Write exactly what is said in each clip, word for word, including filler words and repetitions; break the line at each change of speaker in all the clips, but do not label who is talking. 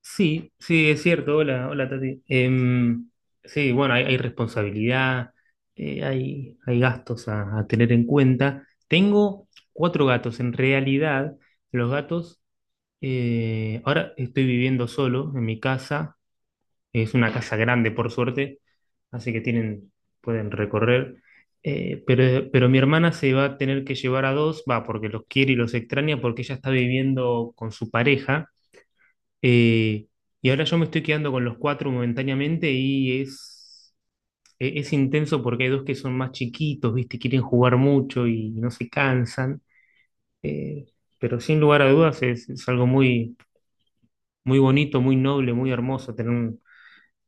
Sí, sí, es cierto. Hola, hola Tati. Em, sí, bueno, hay, hay responsabilidad, eh, hay, hay gastos a, a tener en cuenta. Tengo cuatro gatos. En realidad, los gatos, eh, ahora estoy viviendo solo en mi casa. Es una casa grande, por suerte, así que tienen, pueden recorrer. Eh, pero, pero mi hermana se va a tener que llevar a dos, va, porque los quiere y los extraña, porque ella está viviendo con su pareja. Eh, y ahora yo me estoy quedando con los cuatro momentáneamente y es, e- es intenso porque hay dos que son más chiquitos, ¿viste? Quieren jugar mucho y no se cansan. Eh, pero sin lugar a dudas es, es algo muy, muy bonito, muy noble, muy hermoso tener un,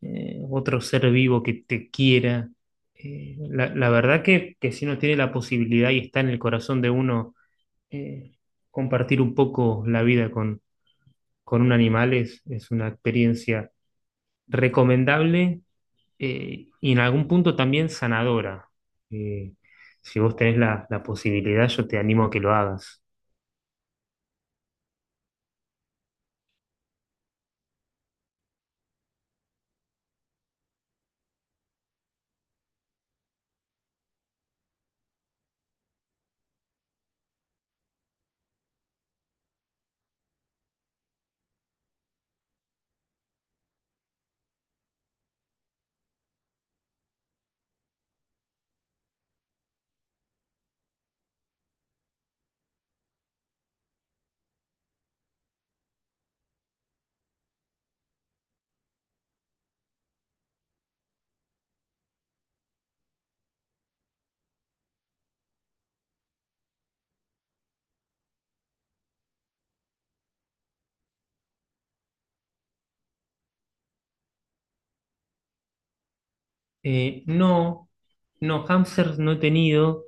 eh, otro ser vivo que te quiera. Eh, la, la verdad que, que si uno tiene la posibilidad y está en el corazón de uno, eh, compartir un poco la vida con, con un animal es es una experiencia recomendable eh, y en algún punto también sanadora. Eh, si vos tenés la, la posibilidad, yo te animo a que lo hagas. Eh, no, no, hamsters no he tenido.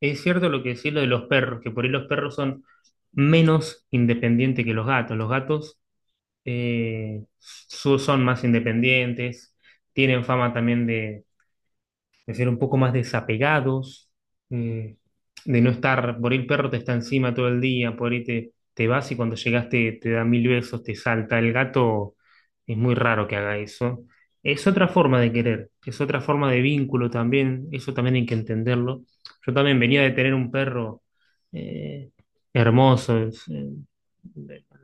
Es cierto lo que decís lo de los perros, que por ahí los perros son menos independientes que los gatos. Los gatos eh, su- son más independientes, tienen fama también de de ser un poco más desapegados, eh, de no estar, por ahí el perro te está encima todo el día, por ahí te, te vas y cuando llegaste te, te da mil besos, te salta. El gato es muy raro que haga eso. Es otra forma de querer, es otra forma de vínculo también, eso también hay que entenderlo. Yo también venía de tener un perro eh, hermoso, es, eh,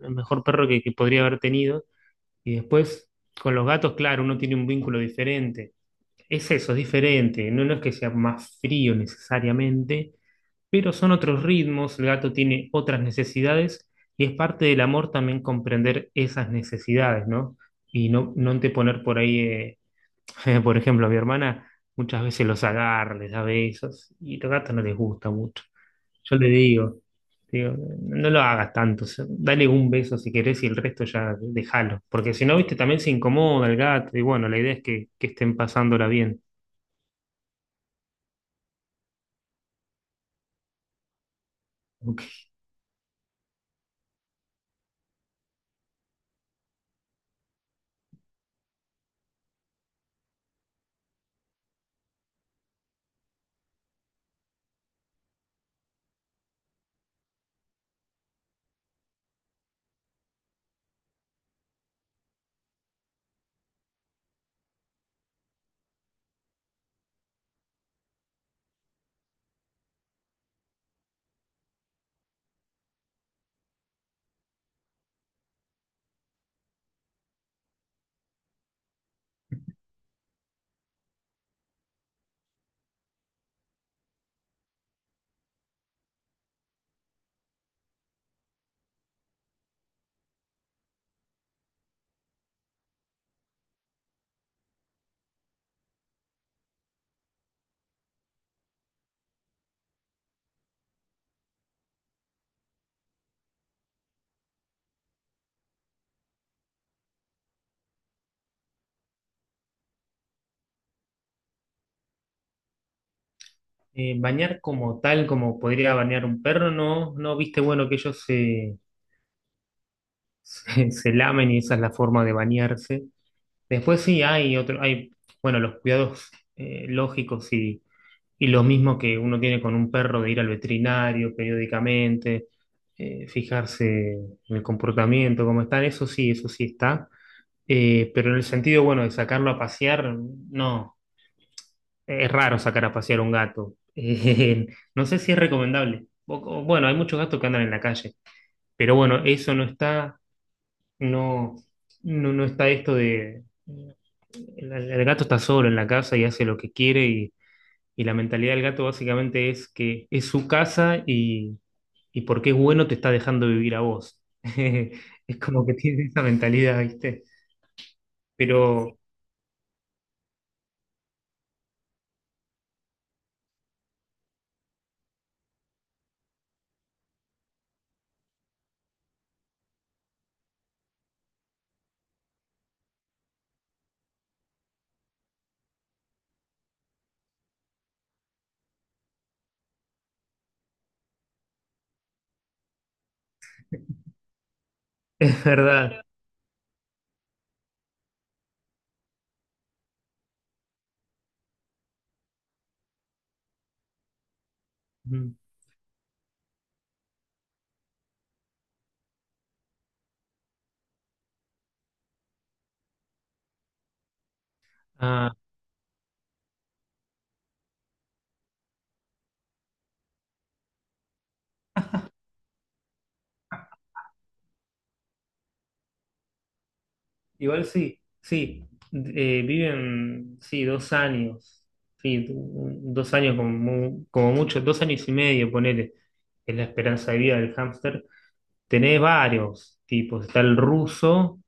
el mejor perro que que podría haber tenido, y después con los gatos, claro, uno tiene un vínculo diferente es eso, es diferente. No, no es que sea más frío necesariamente, pero son otros ritmos, el gato tiene otras necesidades y es parte del amor también comprender esas necesidades, ¿no? Y no, no te poner por ahí, eh, por ejemplo, a mi hermana muchas veces los agarra, les da besos y a los gatos no les gusta mucho. Yo le digo, digo, no lo hagas tanto, o sea, dale un beso si querés y el resto ya déjalo, porque si no, viste, también se incomoda el gato y bueno, la idea es que, que estén pasándola bien. Ok. Eh, bañar como tal, como podría bañar un perro, no, no viste, bueno, que ellos se, se, se lamen y esa es la forma de bañarse. Después sí hay otro, hay, bueno, los cuidados eh, lógicos y, y lo mismo que uno tiene con un perro de ir al veterinario periódicamente, eh, fijarse en el comportamiento, cómo están, eso sí, eso sí está. Eh, pero en el sentido, bueno, de sacarlo a pasear, no. Es raro sacar a pasear un gato. Eh, no sé si es recomendable. O- o- Bueno, hay muchos gatos que andan en la calle, pero bueno, eso no está, no, no, no está esto de... El, el gato está solo en la casa y hace lo que quiere y, y la mentalidad del gato básicamente es que es su casa y, y porque es bueno te está dejando vivir a vos. Es como que tiene esa mentalidad, ¿viste? Pero es verdad. ah Igual sí, sí, eh, viven, sí, dos años, sí, un- dos años como, mu- como mucho, dos años y medio, ponele, es la esperanza de vida del hámster. Tenés varios tipos, está el ruso,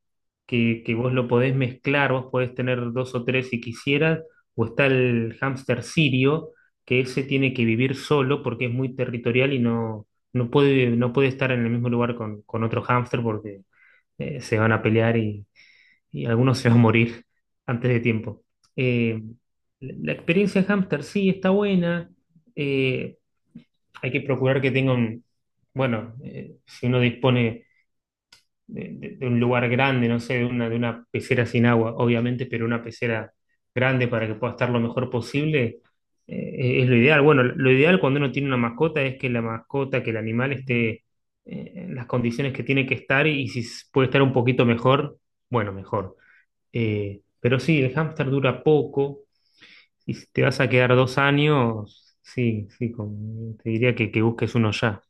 que, que vos lo podés mezclar, vos podés tener dos o tres si quisieras, o está el hámster sirio, que ese tiene que vivir solo porque es muy territorial y no, no puede, no puede estar en el mismo lugar con, con otro hámster porque eh, se van a pelear y algunos se van a morir antes de tiempo. Eh, la la experiencia hámster sí está buena, eh, hay que procurar que tenga un, bueno, eh, si uno dispone de, de- de un lugar grande, no sé, de una, de una pecera sin agua, obviamente, pero una pecera grande para que pueda estar lo mejor posible, eh, es lo ideal. Bueno, lo ideal cuando uno tiene una mascota es que la mascota, que el animal esté eh, en las condiciones que tiene que estar y si s- puede estar un poquito mejor, bueno, mejor. Eh, pero sí, el hámster dura poco y si te vas a quedar dos años, sí, sí, con- te diría que, que busques uno ya.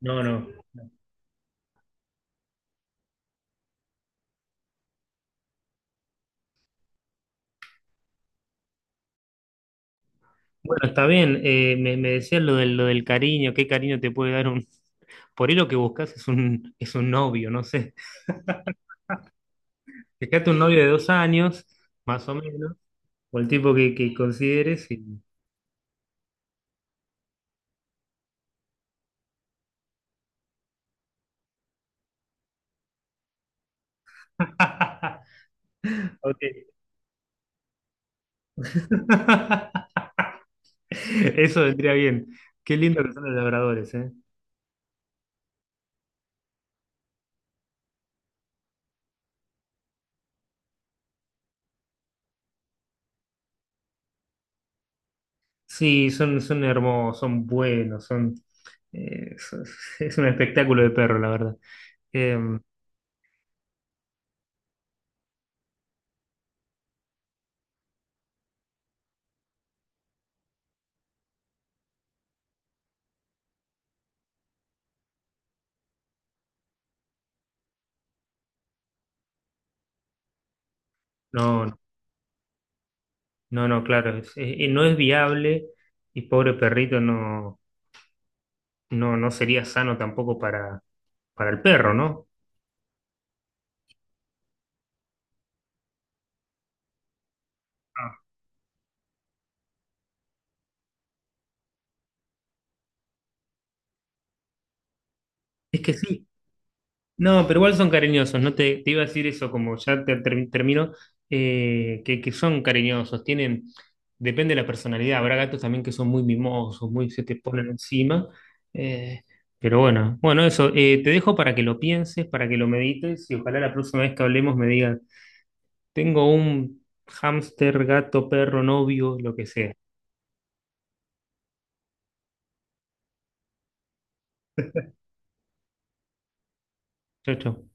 No, no. Bueno, está bien, eh, me, me decías lo del, lo del cariño, qué cariño te puede dar un... Por ahí lo que buscas es un, es un novio, no sé. Fíjate un novio de dos años, más o menos, o el tipo que, que consideres y... Ok. Eso vendría bien. Qué lindo que son los labradores, ¿eh? Sí, son, son hermosos, son buenos, son, eh, so- es un espectáculo de perro, la verdad. Eh, no, no, no, claro, es- eh, no es viable y pobre perrito no, no, no sería sano tampoco para, para el perro, ¿no? Ah. Es que sí, no, pero igual son cariñosos, no te, te iba a decir eso, como ya te, ter- termino, eh, que, que son cariñosos, tienen, depende de la personalidad, habrá gatos también que son muy mimosos, muy se te ponen encima, eh, pero bueno, bueno, eso, eh, te dejo para que lo pienses, para que lo medites y ojalá la próxima vez que hablemos me digas, tengo un hámster, gato, perro, novio, lo que sea. Chau, chau.